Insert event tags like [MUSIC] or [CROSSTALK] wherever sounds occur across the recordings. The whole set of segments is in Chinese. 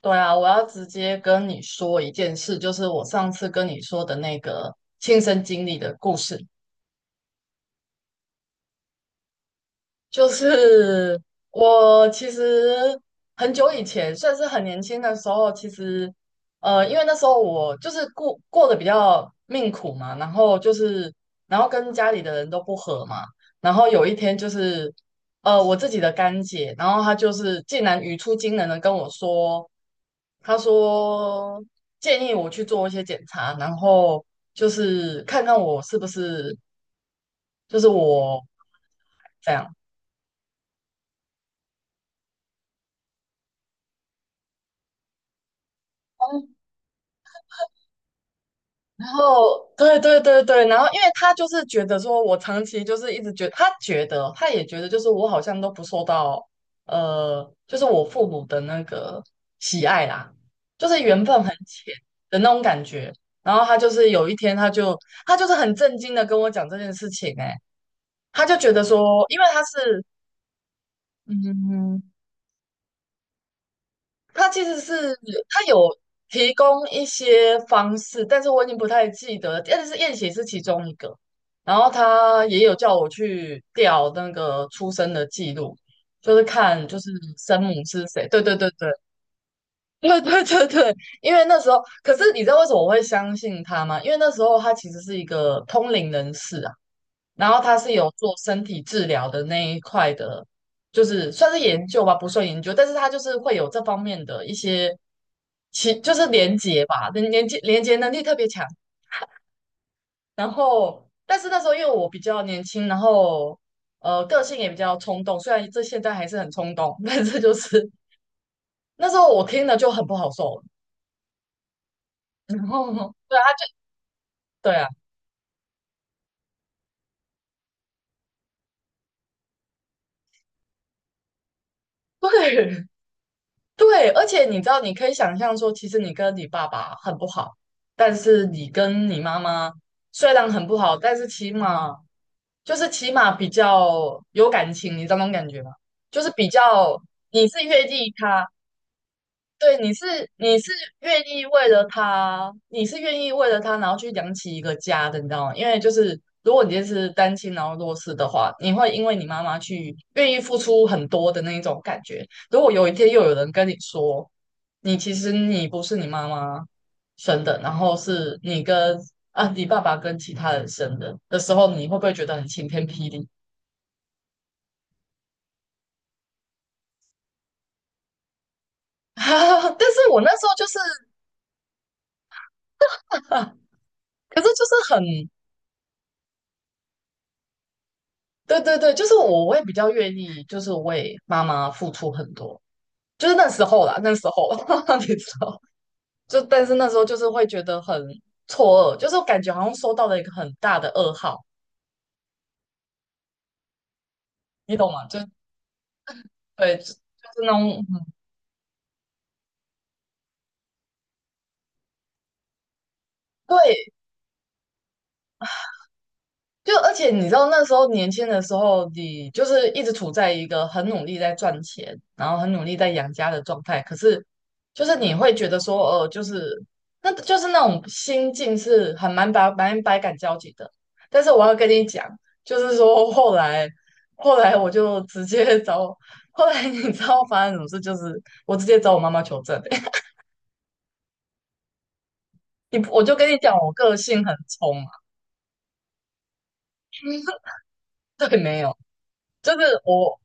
对啊，我要直接跟你说一件事，就是我上次跟你说的那个亲身经历的故事。就是我其实很久以前，算是很年轻的时候，其实因为那时候我就是过得比较命苦嘛，然后跟家里的人都不和嘛，然后有一天就是我自己的干姐，然后她就是竟然语出惊人的跟我说。他说建议我去做一些检查，然后就是看看我是不是就是我这样。嗯，然后对对对对，然后因为他就是觉得说我长期就是一直觉他觉得他也觉得就是我好像都不受到就是我父母的那个喜爱啦，就是缘分很浅的那种感觉。然后他就是有一天，他就是很震惊的跟我讲这件事情、欸，他就觉得说，因为他是嗯，他其实是他有提供一些方式，但是我已经不太记得了。但是验血是其中一个，然后他也有叫我去调那个出生的记录，就是看就是生母是谁。对对对对对对对对，因为那时候，可是你知道为什么我会相信他吗？因为那时候他其实是一个通灵人士啊。然后他是有做身体治疗的那一块的，就是算是研究吧，不算研究，但是他就是会有这方面的一些，就是连接吧，连接能力特别强。然后，但是那时候因为我比较年轻，然后个性也比较冲动，虽然这现在还是很冲动，但是就是 [LAUGHS] 那时候我听了就很不好受了。然后，对啊，他就对啊，对。对，而且你知道，你可以想象说，其实你跟你爸爸很不好，但是你跟你妈妈虽然很不好，但是起码比较有感情，你知道那种感觉吗？就是比较你是越意他，对，你是愿意为了他，然后去养起一个家的，你知道吗？因为就是如果你就是单亲然后弱势的话，你会因为你妈妈去愿意付出很多的那一种感觉。如果有一天又有人跟你说，你其实你不是你妈妈生的，然后是你跟你爸爸跟其他人生的时候，你会不会觉得很晴天霹雳？[LAUGHS] 但是我那时候就是。[LAUGHS] 可是就是很，对对对，就是我会比较愿意，就是为妈妈付出很多，就是那时候啦，那时候 [LAUGHS] 你知道 [LAUGHS]，但是那时候就是会觉得很错愕，就是感觉好像收到了一个很大的噩耗，你懂吗？就对，就是那种，嗯，对，就而且你知道那时候年轻的时候，你就是一直处在一个很努力在赚钱，然后很努力在养家的状态。可是，就是你会觉得说，就是那种心境是很蛮百感交集的。但是我要跟你讲，就是说后来后来我就直接找，后来你知道发生什么事？就是我直接找我妈妈求证、[LAUGHS] 我就跟你讲，我个性很冲嘛。[LAUGHS] 对，没有，就是我。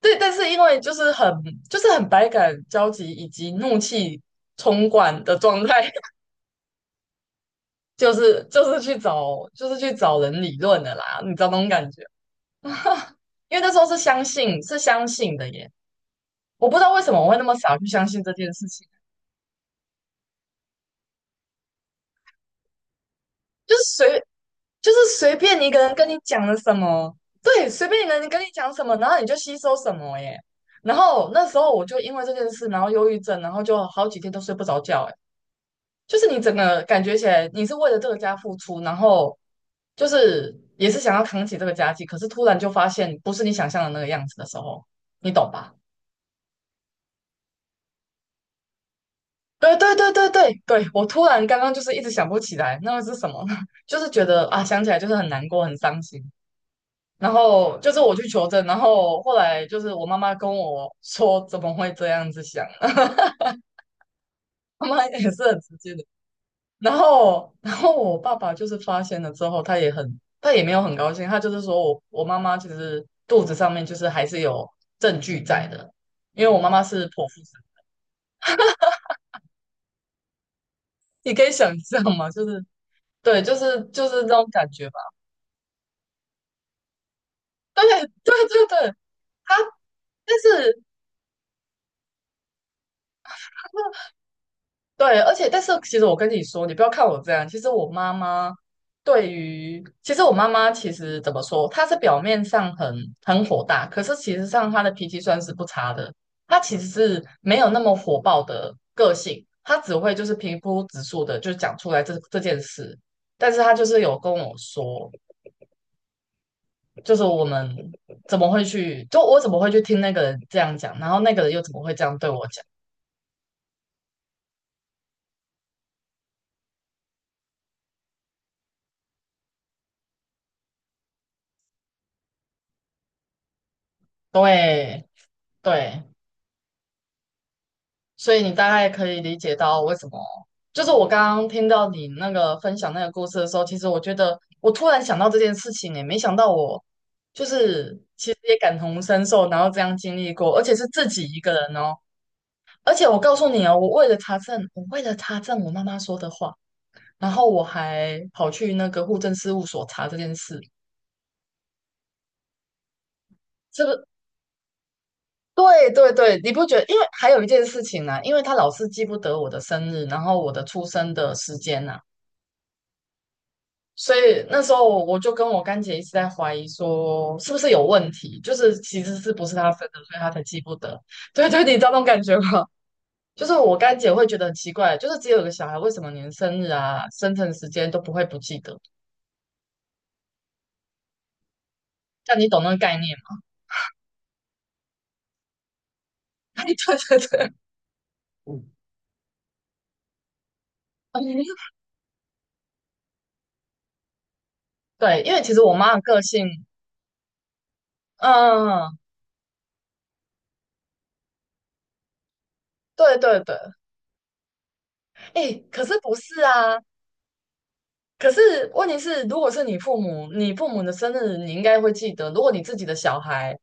对，但是因为就是很百感交集以及怒气冲冠的状态，[LAUGHS] 去找人理论的啦，你知道那种感觉？因为那时候是相信的耶，我不知道为什么我会那么傻去相信这件事情，就是随就是随便一个人跟你讲了什么，对，随便一个人跟你讲什么，然后你就吸收什么耶。然后那时候我就因为这件事，然后忧郁症，然后就好几天都睡不着觉。就是你整个感觉起来你是为了这个家付出，然后就是也是想要扛起这个家计，可是突然就发现不是你想象的那个样子的时候，你懂吧？对对对对对对，我突然刚刚就是一直想不起来那个是什么呢，[LAUGHS] 就是觉得啊想起来就是很难过很伤心，然后就是我去求证，然后后来就是我妈妈跟我说怎么会这样子想，[LAUGHS] 妈妈也是很直接的。然后，[LAUGHS] 然后我爸爸就是发现了之后，他也很，他也没有很高兴，他就是说我妈妈其实肚子上面就是还是有证据在的，因为我妈妈是剖腹产，你可以想象嘛，就是对，就是那种感觉吧。对对对对，他，但是对，而且但是其实我跟你说，你不要看我这样，其实我妈妈其实怎么说，她是表面上很火大，可是其实上她的脾气算是不差的，她其实是没有那么火爆的个性，她只会就是平铺直述的就讲出来这件事，但是她就是有跟我说，就是我们怎么会去，就我怎么会去听那个人这样讲，然后那个人又怎么会这样对我讲？对对，所以你大概可以理解到为什么，就是我刚刚听到你那个分享那个故事的时候，其实我觉得我突然想到这件事情也没想到我就是其实也感同身受，然后这样经历过，而且是自己一个人哦。而且我告诉你哦，我为了查证我妈妈说的话，然后我还跑去那个户政事务所查这件事，是不是？对对对，你不觉得？因为还有一件事情呢、因为他老是记不得我的生日，然后我的出生的时间呐、所以那时候我就跟我干姐一直在怀疑说，是不是有问题？就是其实是不是她生的，所以她才记不得。[LAUGHS] 对对，你知道那种感觉吗？就是我干姐会觉得很奇怪，就是只有一个小孩，为什么连生日啊、生辰时间都不记得？但你懂那个概念吗？[LAUGHS] 对对对，嗯，[LAUGHS] 对，因为其实我妈的个性，嗯，对对对，哎，可是不是啊？可是问题是，如果是你父母，你父母的生日你应该会记得，如果你自己的小孩。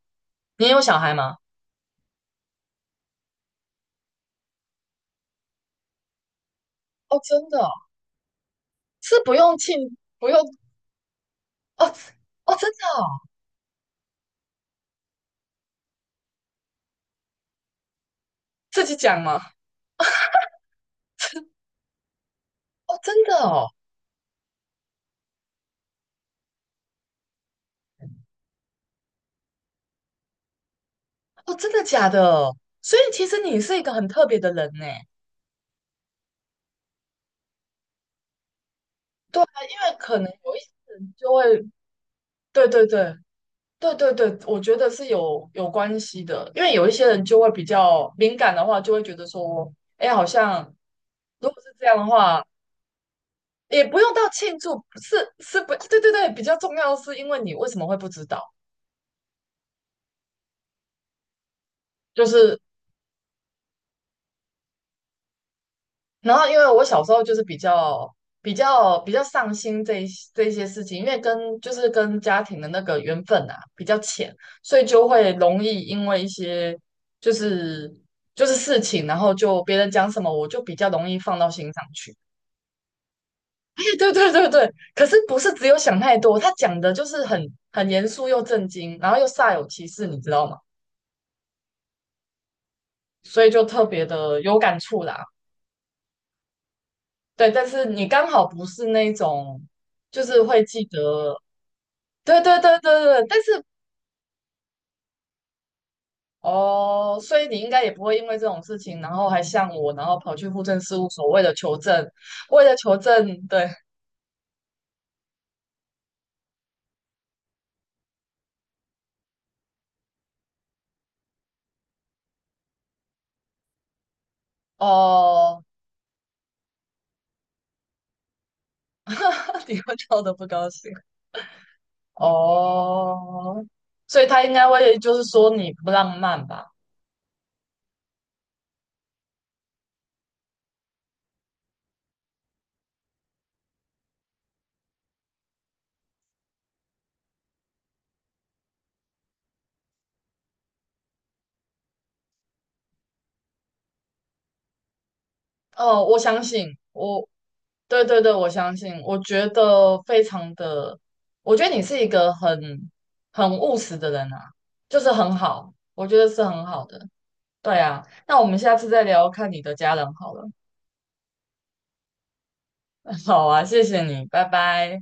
你有小孩吗？哦，真的哦，不用。哦哦，真的哦，自己讲吗？哦，真的哦。哦，真的假的？所以其实你是一个很特别的人呢。对啊，因为可能有一些人就会，对对对对对对，我觉得是有关系的，因为有一些人就会比较敏感的话，就会觉得说，哎，好像如果是这样的话，也不用到庆祝，是是不，对对对，比较重要的是因为你为什么会不知道，就是然后因为我小时候就是比较上心这一些事情，因为跟就是跟家庭的那个缘分啊比较浅，所以就会容易因为一些就是就是事情，然后就别人讲什么，我就比较容易放到心上去。[LAUGHS] 对对对对，可是不是只有想太多，他讲的就是很严肃又震惊，然后又煞有其事，你知道吗？所以就特别的有感触啦。对，但是你刚好不是那种，就是会记得对对对对对，但是哦，所以你应该也不会因为这种事情，然后还向我，然后跑去户政事务所为了求证，对哦，[LAUGHS] 你会闹得不高兴哦，所以他应该会就是说你不浪漫吧？哦，我相信，我对对对，我相信，我觉得非常的，我觉得你是一个很务实的人啊，就是很好，我觉得是很好的。对啊，那我们下次再聊看你的家人好了。[LAUGHS] 好啊，谢谢你，拜拜。